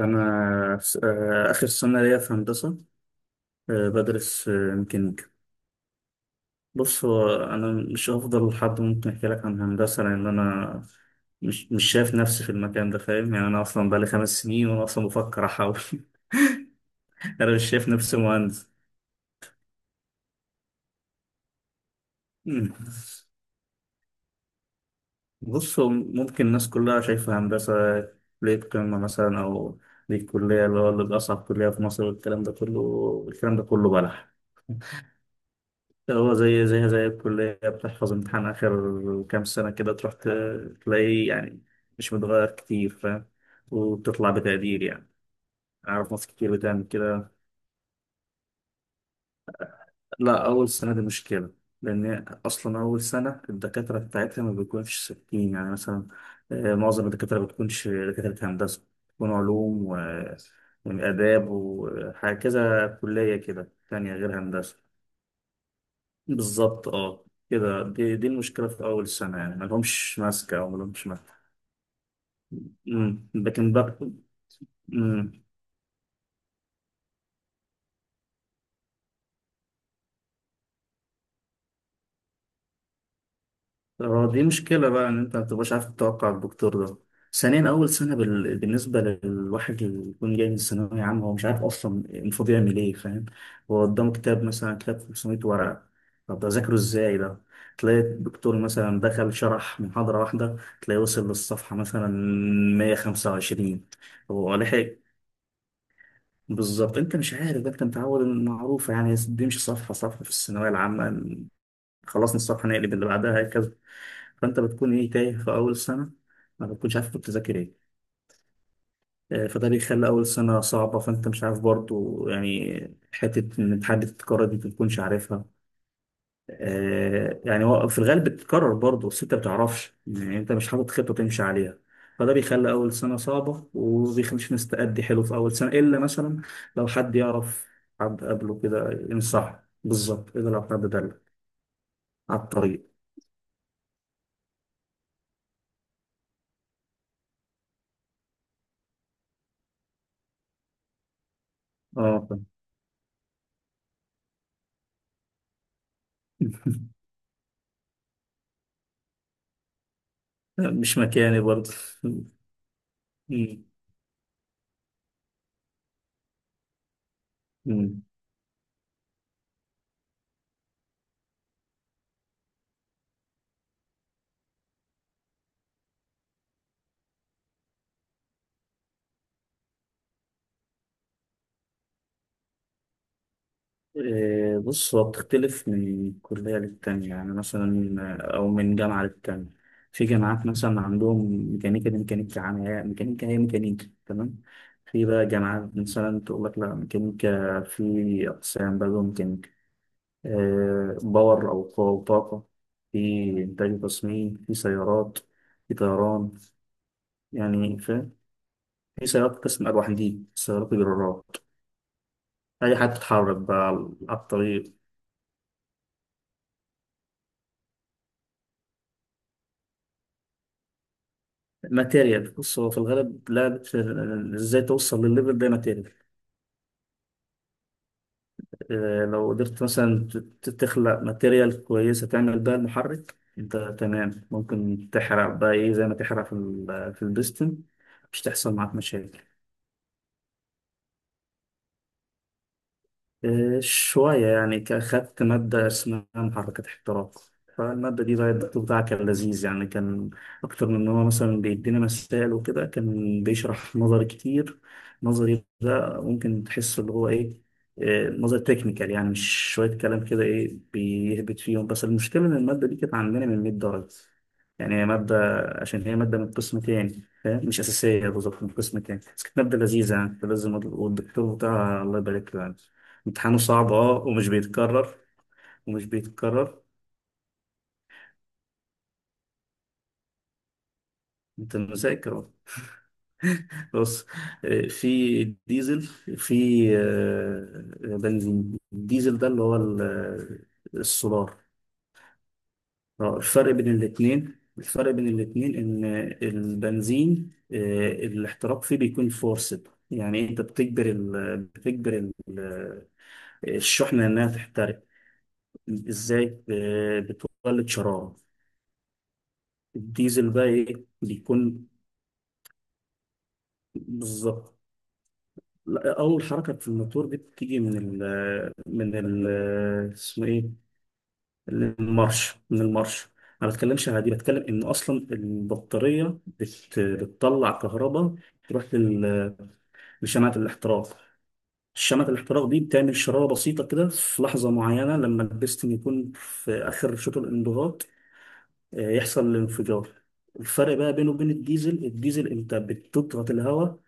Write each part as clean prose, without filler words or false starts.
أنا آخر سنة ليا في هندسة. بدرس ميكانيكا. بص، هو أنا مش هفضل حد ممكن أحكي لك عن هندسة لأن أنا مش شايف نفسي في المكان ده، فاهم؟ يعني أنا أصلا بقالي 5 سنين وأنا أصلا بفكر أحول. أنا مش شايف نفسي مهندس. مم. بص، هو ممكن الناس كلها شايفة هندسة كلية قمة مثلا، أو دي الكلية اللي هو اللي بأصعب كلية في مصر، والكلام ده كله الكلام ده كله بلح. هو زي زيها زي الكلية، بتحفظ امتحان آخر كام سنة كده، تروح تلاقيه يعني مش متغير كتير، فاهم؟ وبتطلع بتقدير يعني. أعرف ناس كتير بتعمل كده. لا، أول سنة دي مشكلة، لأن أصلا أول سنة الدكاترة بتاعتها ما بيكونش ثابتين، يعني مثلا معظم الدكاترة ما بتكونش دكاترة هندسة، بتكون علوم وآداب وحاجة كذا كلية كده تانية غير هندسة. بالظبط، اه. كده دي المشكلة في أول سنة، يعني ملهمش ماسكة أو ملهمش ماسكة. لكن بقى، أمم، اه، دي مشكلة بقى إن أنت متبقاش عارف تتوقع الدكتور ده. ثانيا، أول سنة بالنسبة للواحد اللي يكون جاي من الثانوية عامة، هو مش عارف أصلا المفروض يعمل إيه، فاهم؟ هو قدامه كتاب مثلا، كتاب 500 ورقة، طب ده ذاكره إزاي ده؟ تلاقي الدكتور مثلا دخل شرح محاضرة واحدة، تلاقيه وصل للصفحة مثلا 125. هو لحق. بالظبط، انت مش عارف ده، انت متعود ان معروفه، يعني بيمشي صفحه صفحه في الثانويه العامه. خلصنا الصفحه، نقلب اللي بعدها، هكذا. فانت بتكون ايه، تايه في اول سنه، ما بتكونش عارف كنت تذاكر ايه. فده بيخلي اول سنه صعبه، فانت مش عارف برضو يعني حته ان الامتحان دي ما بتكونش عارفها. يعني هو في الغالب بتتكرر برضه، بس انت ما بتعرفش، يعني انت مش حاطط خطه تمشي عليها. فده بيخلي اول سنه صعبه وبيخليش الناس تأدي حلو في اول سنه، الا مثلا لو حد يعرف حد قبله كده ينصح بالظبط، الا لو حد دل على الطريق. اه. فاهم. مش مكاني برضه. مم. إيه، بص هو بتختلف من كلية للتانية، يعني مثلا أو من جامعة للتانية. في جامعات مثلا عندهم ميكانيكا، دي ميكانيكا عامة، ميكانيكا هي ميكانيكا، تمام. في بقى جامعات مثلا تقول لك لا، ميكانيكا في أقسام بقى جوه ميكانيكا. إيه، باور أو قوة وطاقة. في إنتاج وتصميم، في سيارات، في طيران، يعني فاهم. في سيارات قسم أرواح، دي سيارات جرارات، أي حد تتحرك بقى. على الطريق. ماتيريال. بص هو في الغالب لعبة ازاي توصل للليفل ده، ماتيريال. لو قدرت مثلا تخلق ماتيريال كويسة تعمل بيها المحرك، انت تمام، ممكن تحرق بقى ايه زي ما تحرق في البستن، مش تحصل معاك مشاكل. إيه، شوية يعني، خدت مادة اسمها محركات احتراق. فالمادة دي بقى الدكتور بتاعها كان لذيذ يعني، كان أكتر من إن هو مثلا بيدينا مسائل وكده، كان بيشرح نظري كتير. نظري ده ممكن تحس اللي هو إيه، إيه، نظري تكنيكال، يعني مش شوية كلام كده إيه بيهبط فيهم. بس المشكلة إن المادة دي كانت عندنا من 100 درجة. يعني هي مادة، عشان هي مادة من قسم تاني، فاهم، مش أساسية بالظبط، من قسم تاني، بس كانت مادة لذيذة يعني، كنت لازم، والدكتور بتاعها الله يبارك له يعني. امتحانه صعب اه، ومش بيتكرر، ومش بيتكرر. انت مذاكر أهو. بص، في ديزل، في بنزين. الديزل ده اللي هو السولار. الفرق بين الاتنين، الفرق بين الاتنين ان البنزين الاحتراق فيه بيكون فورسد، يعني انت بتجبر ال... بتجبر ال... آه، الشحنة انها تحترق. ازاي؟ بتولد شرارة. الديزل بقى ايه بيكون، بالظبط. لا، اول حركه في الموتور دي بتيجي من ال من ال اسمه ايه المارش، من المارش. انا ما بتكلمش عادي، بتكلم ان اصلا البطاريه بتطلع كهرباء، تروح لشمعه الاحتراق. شمعة الاحتراق دي بتعمل شرارة بسيطة كده في لحظة معينة، لما البستن يكون في آخر شوط الانضغاط، يحصل الانفجار. الفرق بقى بينه وبين الديزل، الديزل انت بتضغط الهواء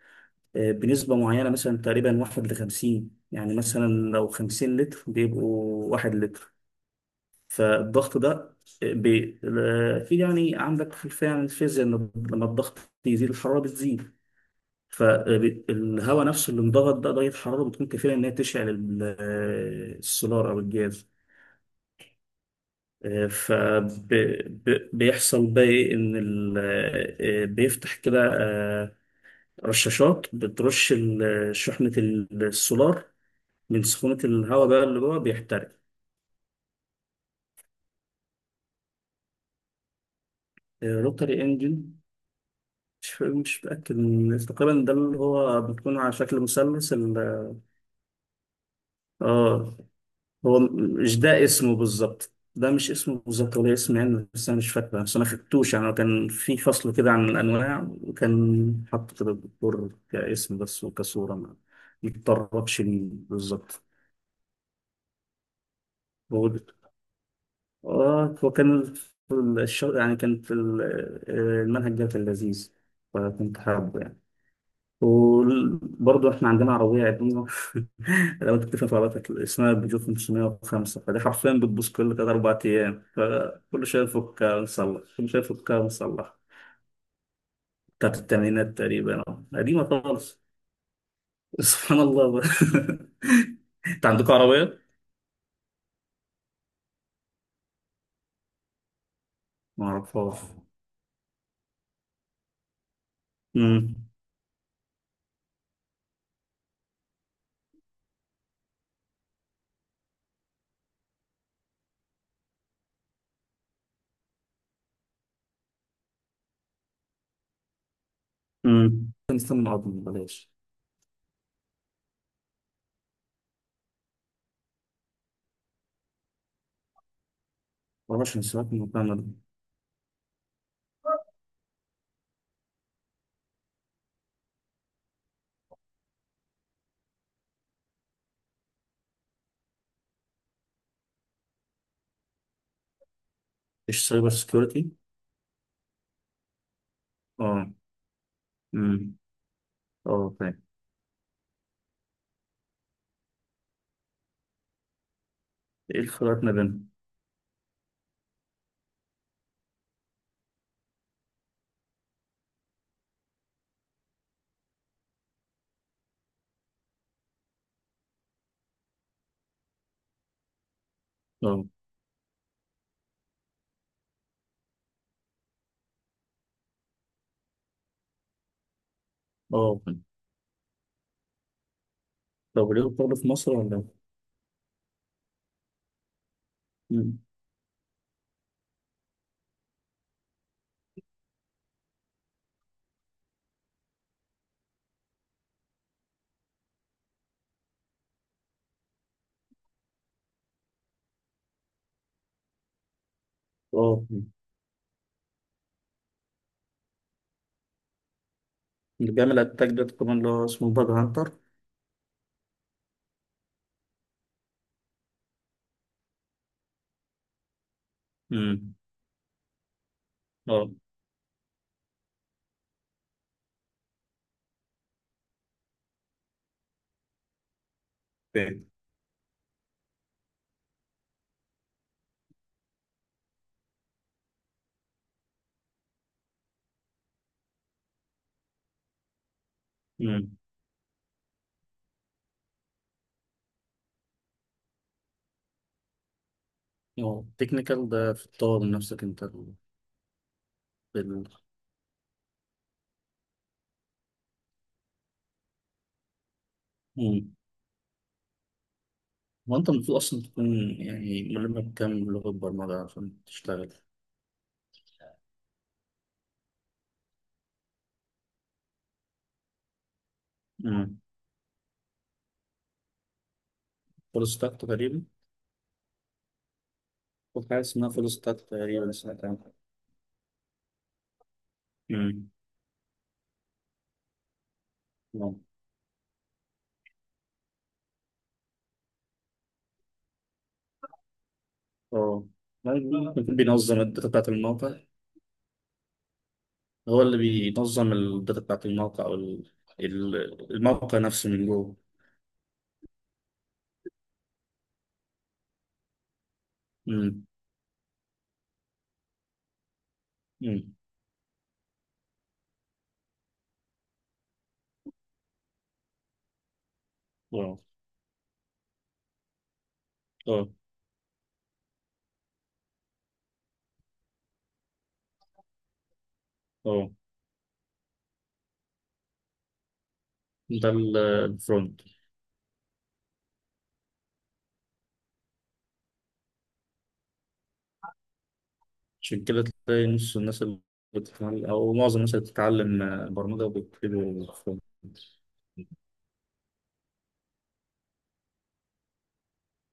بنسبة معينة، مثلا تقريبا واحد لخمسين، يعني مثلا لو 50 لتر بيبقوا واحد لتر. فالضغط ده بي... في، يعني عندك خلفية عن الفيزياء، إن لما الضغط يزيد الحرارة بتزيد. فالهواء نفسه اللي انضغط ده درجة حرارة بتكون كافية إن هي تشعل السولار أو الجاز. فبيحصل بقى إيه، إن بيفتح كده، رشاشات بترش شحنة السولار، من سخونة الهواء بقى اللي جوه بيحترق. روتري انجن، مش متأكد تقريبا ده اللي هو بيكون على شكل مثلث اه. هو مش ده اسمه بالظبط، ده مش اسمه بالظبط ولا اسم يعني، بس انا مش فاكره، بس انا خدتوش يعني، هو كان في فصل كده عن الانواع، وكان حاطط كده الدكتور كاسم بس وكصوره، ما متطربش ليه بالظبط. هو، اه هو كان في الش- يعني كان في ال- آه، المنهج ده كان لذيذ، فكنت حابه يعني. وبرضه احنا عندنا عربية قديمة. لو انت بتفهم في عربيتك، اسمها بيجو 505. فدي حرفيا بتبوظ كل تلات أربع أيام، فكل شوية نفكها ونصلح، كل شوية نفكها ونصلح. بتاعت التمانينات تقريبا اه. قديمة خالص. سبحان الله بقى. انت عندكم عربية؟ ما اعرفهاش. امم. امم، نستنى الأرض بلاش. معرفش نسيبك من المكان ده. ايش سايبر سكيورتي؟ اه. امم. اه فاهم. ايه الفروقات ما بينهم؟ اه. اه. لو ليه شغل في مصر ولا؟ مم. اه. مم. اللي بيعمل اتاك ده كمان اللي هو اسمه باج هانتر. مم. اه فاهم. مم. اه، تكنيكال ده في تطور من نفسك انت. بال... مم. هو انت المفروض اصلا تكون يعني ملم بكام لغة برمجة عشان تشتغل؟ مم. فول ستاك تقريبا. في حاجة اسمها فول ستاك تقريبا، سمعت عنها. مم. اه. اه، ممكن يكون بينظم الداتا بتاعت الموقع. هو اللي بينظم الداتا بتاعت الموقع او الموقع نفسه من جوه. امم. امم. اه. اه. اه، ده الفرونت. عشان كده تلاقي نص الناس اللي بتتعلم او معظم الناس اللي بتتعلم برمجه بيكتبوا فرونت.